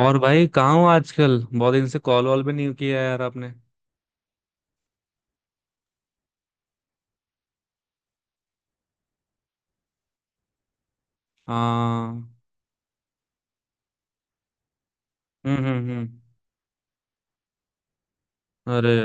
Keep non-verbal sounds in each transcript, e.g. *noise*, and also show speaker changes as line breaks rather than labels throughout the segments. और भाई कहाँ हो आजकल? बहुत दिन से कॉल वॉल भी नहीं किया यार आपने। हाँ। हम्म, हम्म, हम्म। अरे।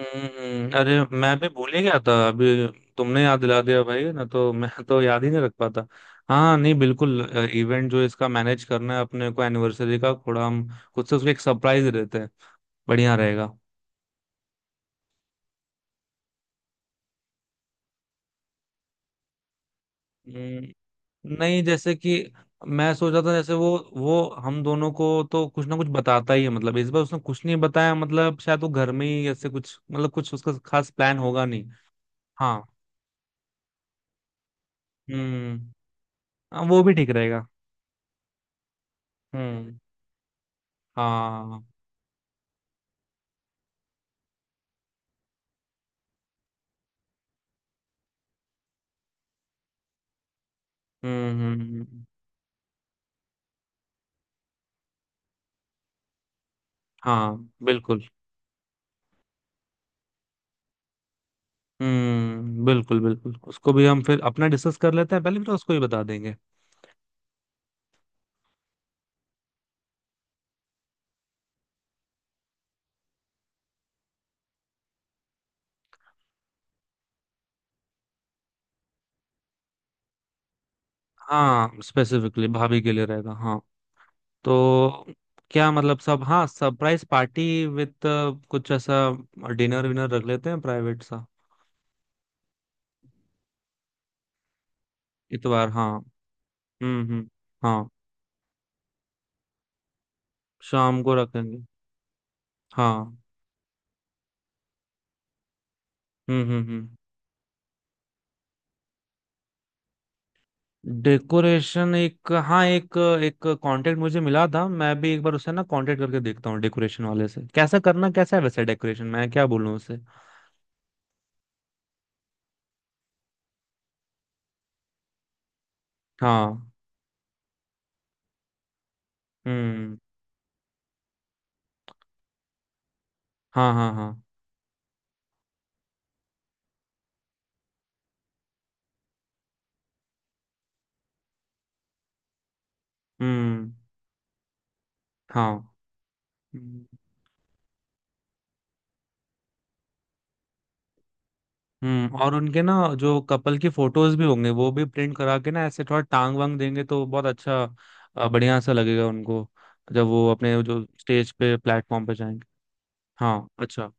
हम्म, अरे मैं भी भूल ही गया था अभी। तुमने याद दिला दिया भाई, ना तो *laughs* मैं तो याद ही नहीं रख पाता। हाँ, नहीं, बिल्कुल। इवेंट जो इसका मैनेज करना है अपने को, एनिवर्सरी का थोड़ा हम खुद से उसको एक सरप्राइज देते हैं। बढ़िया रहेगा। हम्म, नहीं, जैसे कि मैं सोच रहा था, जैसे वो हम दोनों को तो कुछ ना कुछ बताता ही है। मतलब इस बार उसने कुछ नहीं बताया। मतलब शायद वो घर में ही ऐसे कुछ, मतलब कुछ उसका खास प्लान होगा, नहीं। हाँ। हम्म। हाँ, वो भी ठीक रहेगा। हम्म। हाँ। हम्म, हम्म। हाँ, बिल्कुल। हम्म, बिल्कुल बिल्कुल, उसको भी हम फिर अपना डिस्कस कर लेते हैं पहले, फिर उसको ही बता देंगे। हाँ, स्पेसिफिकली भाभी के लिए रहेगा, हाँ। तो क्या मतलब सब, हाँ, सरप्राइज पार्टी विद कुछ ऐसा, डिनर विनर रख लेते हैं प्राइवेट सा। इतवार, हाँ। हम्म, हम्म। हाँ। शाम को रखेंगे। हाँ। हम्म, हम्म, हम्म। डेकोरेशन, एक हाँ, एक एक कांटेक्ट मुझे मिला था। मैं भी एक बार उससे ना कांटेक्ट करके देखता हूँ, डेकोरेशन वाले से कैसा करना कैसा है। वैसे डेकोरेशन मैं क्या बोलूँ उससे? हाँ। हम्म। हाँ, हाँ, हाँ। हम्म। हाँ। हम्म। और उनके ना जो कपल की फोटोज भी होंगे वो भी प्रिंट करा के ना ऐसे थोड़ा टांग वांग देंगे तो बहुत अच्छा बढ़िया सा लगेगा उनको, जब वो अपने जो स्टेज पे, प्लेटफॉर्म पे जाएंगे। हाँ, अच्छा।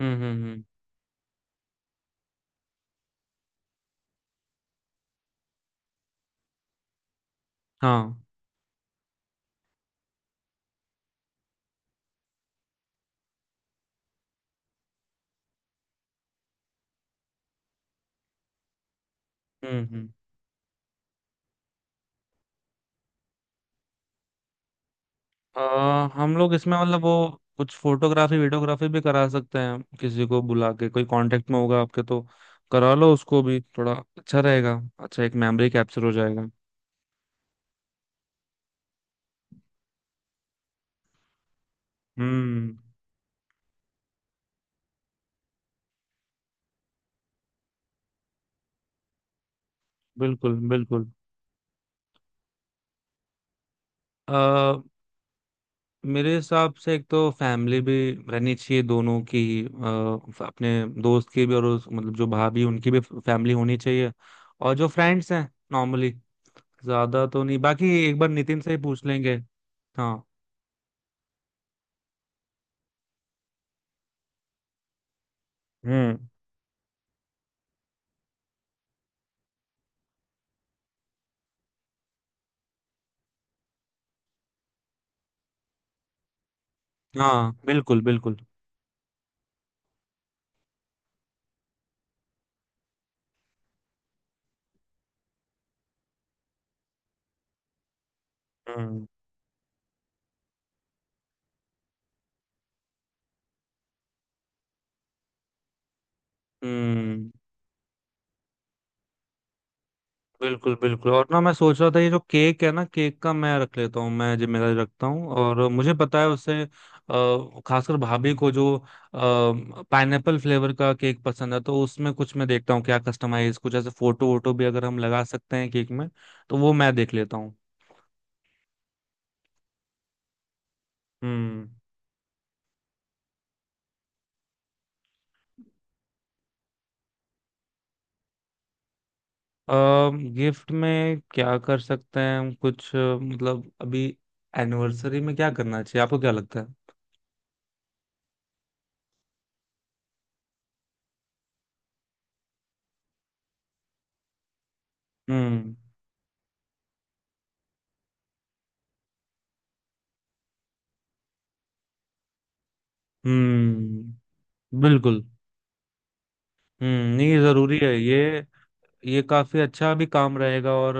हम्म, हम्म, हम्म। हाँ। हम्म, हम्म। हम लोग इसमें मतलब वो कुछ फोटोग्राफी वीडियोग्राफी भी करा सकते हैं, किसी को बुला के। कोई कांटेक्ट में होगा आपके तो करा लो, उसको भी थोड़ा अच्छा रहेगा, अच्छा एक मेमोरी कैप्चर हो जाएगा। हम्म, बिल्कुल बिल्कुल। अ, मेरे हिसाब से एक तो फैमिली भी रहनी चाहिए दोनों की, अपने दोस्त की भी और उस, मतलब जो भाभी उनकी भी फैमिली होनी चाहिए। और जो फ्रेंड्स हैं नॉर्मली, ज्यादा तो नहीं, बाकी एक बार नितिन से ही पूछ लेंगे। हाँ। हम्म। हाँ, बिल्कुल बिल्कुल। हम्म। हम्म, बिल्कुल बिल्कुल। और ना मैं सोच रहा था, ये जो केक है ना, केक का मैं रख लेता हूँ, मैं जिम्मेदारी रखता हूँ। और मुझे पता है उससे, खासकर भाभी को जो पाइनएप्पल फ्लेवर का केक पसंद है, तो उसमें कुछ मैं देखता हूँ क्या कस्टमाइज, कुछ ऐसे फोटो वोटो भी अगर हम लगा सकते हैं केक में तो वो मैं देख लेता हूँ। हम्म। गिफ्ट में क्या कर सकते हैं हम कुछ, मतलब अभी एनिवर्सरी में क्या करना चाहिए, आपको क्या लगता है? हम्म। हम्म, बिल्कुल। हम्म, नहीं ये जरूरी है ये काफी अच्छा भी काम रहेगा। और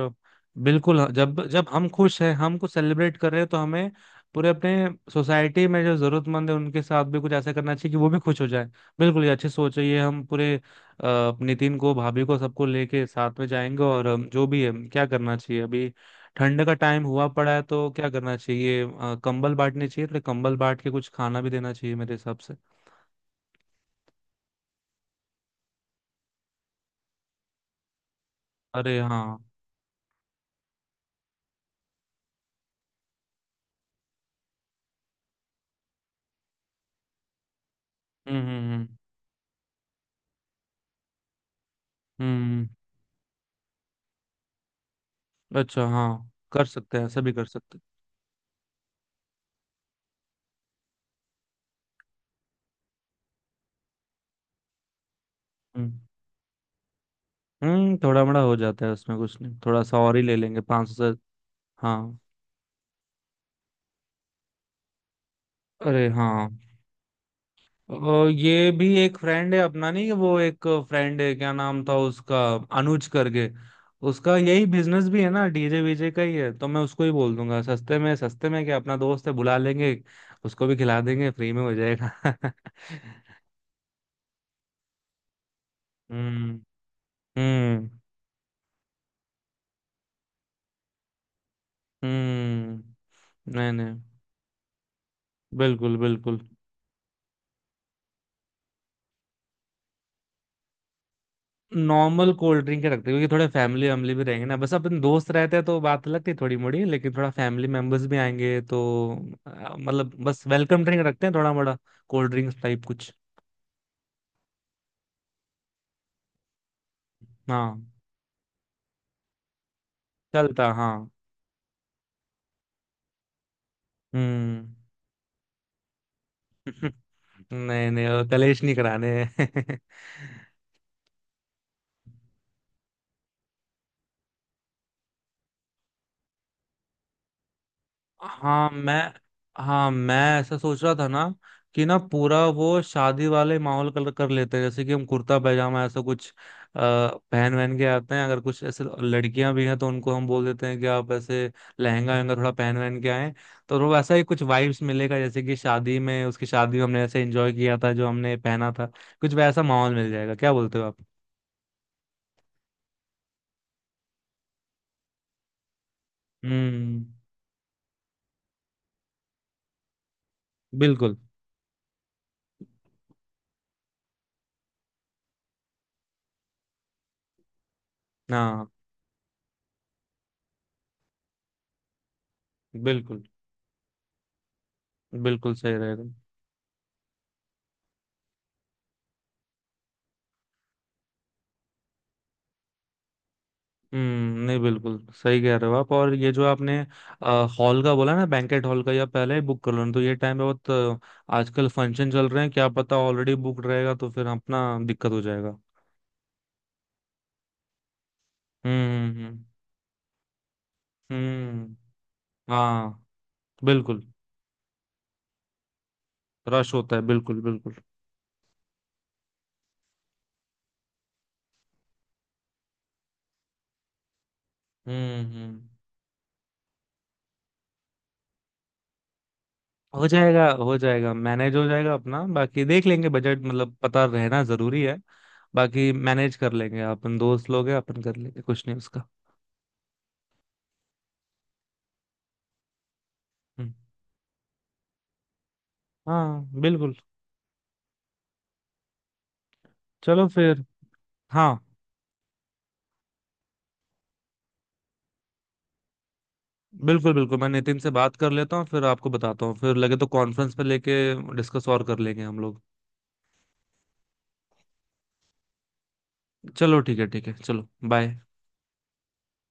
बिल्कुल, हाँ, जब जब हम खुश हैं, हम कुछ सेलिब्रेट कर रहे हैं, तो हमें पूरे अपने सोसाइटी में जो जरूरतमंद है उनके साथ भी कुछ ऐसा करना चाहिए कि वो भी खुश हो जाए। बिल्कुल, ये अच्छी सोच है ये। हम पूरे नितिन को, भाभी को, सबको लेके साथ में जाएंगे। और जो भी है क्या करना चाहिए अभी, ठंड का टाइम हुआ पड़ा है तो क्या करना चाहिए, कंबल बांटने चाहिए थोड़े, कंबल बांट के कुछ खाना भी देना चाहिए मेरे हिसाब से। अरे हाँ। हम्म, हम्म, हम्म। हम्म। अच्छा, हाँ, कर सकते हैं, ऐसा भी कर सकते हैं। हम्म, हम्म, थोड़ा मोड़ा हो जाता है उसमें कुछ नहीं, थोड़ा सा और ही ले लेंगे पाँच सौ से। हाँ। अरे हाँ, और ये भी एक फ्रेंड है अपना, नहीं वो एक फ्रेंड है, क्या नाम था उसका, अनुज करके। उसका यही बिजनेस भी है ना, डीजे वीजे का ही है, तो मैं उसको ही बोल दूंगा सस्ते में। सस्ते में क्या, अपना दोस्त है, बुला लेंगे, उसको भी खिला देंगे, फ्री में हो जाएगा। *laughs* हम्म। हम्म। हम्म नहीं, नहीं, बिल्कुल बिल्कुल। नॉर्मल कोल्ड ड्रिंक ही रखते हैं क्योंकि थोड़े फैमिली वैमिली भी रहेंगे ना। बस अपन दोस्त रहते हैं तो बात लगती है थोड़ी मोड़ी, लेकिन थोड़ा फैमिली मेंबर्स भी आएंगे तो मतलब बस वेलकम ड्रिंक रखते हैं थोड़ा मोड़ा, कोल्ड ड्रिंक्स टाइप कुछ। हाँ, चलता हाँ। हम्म। *laughs* नहीं नहीं, वो कलेश नहीं कराने हैं। *laughs* हाँ मैं, हाँ मैं ऐसा सोच रहा था ना, कि ना पूरा वो शादी वाले माहौल कलर कर लेते हैं। जैसे कि हम कुर्ता पैजामा ऐसा कुछ अ, पहन वहन के आते हैं, अगर कुछ ऐसे लड़कियां भी हैं तो उनको हम बोल देते हैं कि आप ऐसे लहंगा वहंगा थोड़ा पहन वहन के आए। तो वो वैसा ही कुछ वाइब्स मिलेगा, जैसे कि शादी में, उसकी शादी में हमने ऐसे एंजॉय किया था, जो हमने पहना था, कुछ वैसा माहौल मिल जाएगा। क्या बोलते हो आप? हम्म, बिल्कुल। हाँ, बिल्कुल बिल्कुल सही रहेगा। हम्म, नहीं बिल्कुल सही कह रहे हो आप। और ये जो आपने हॉल का बोला ना, बैंकेट हॉल का, या पहले ही बुक कर लो, नहीं तो ये टाइम पे बहुत आजकल फंक्शन चल रहे हैं, क्या पता ऑलरेडी बुक रहेगा, तो फिर अपना दिक्कत हो जाएगा। हम्म, हम्म, हम्म, हम्म, हाँ बिल्कुल। रश होता है, बिल्कुल बिल्कुल। हम्म, हम्म, हो जाएगा, हो जाएगा, मैनेज हो जाएगा अपना, बाकी देख लेंगे। बजट मतलब पता रहना जरूरी है, बाकी मैनेज कर लेंगे, अपन दोस्त लोग हैं, अपन कर लेंगे कुछ नहीं उसका। हम्म, हाँ बिल्कुल। चलो फिर, हाँ, बिल्कुल बिल्कुल, मैं नितिन से बात कर लेता हूँ, फिर आपको बताता हूँ। फिर लगे तो कॉन्फ्रेंस पे लेके डिस्कस और कर लेंगे हम लोग। चलो ठीक है, ठीक है, चलो, बाय।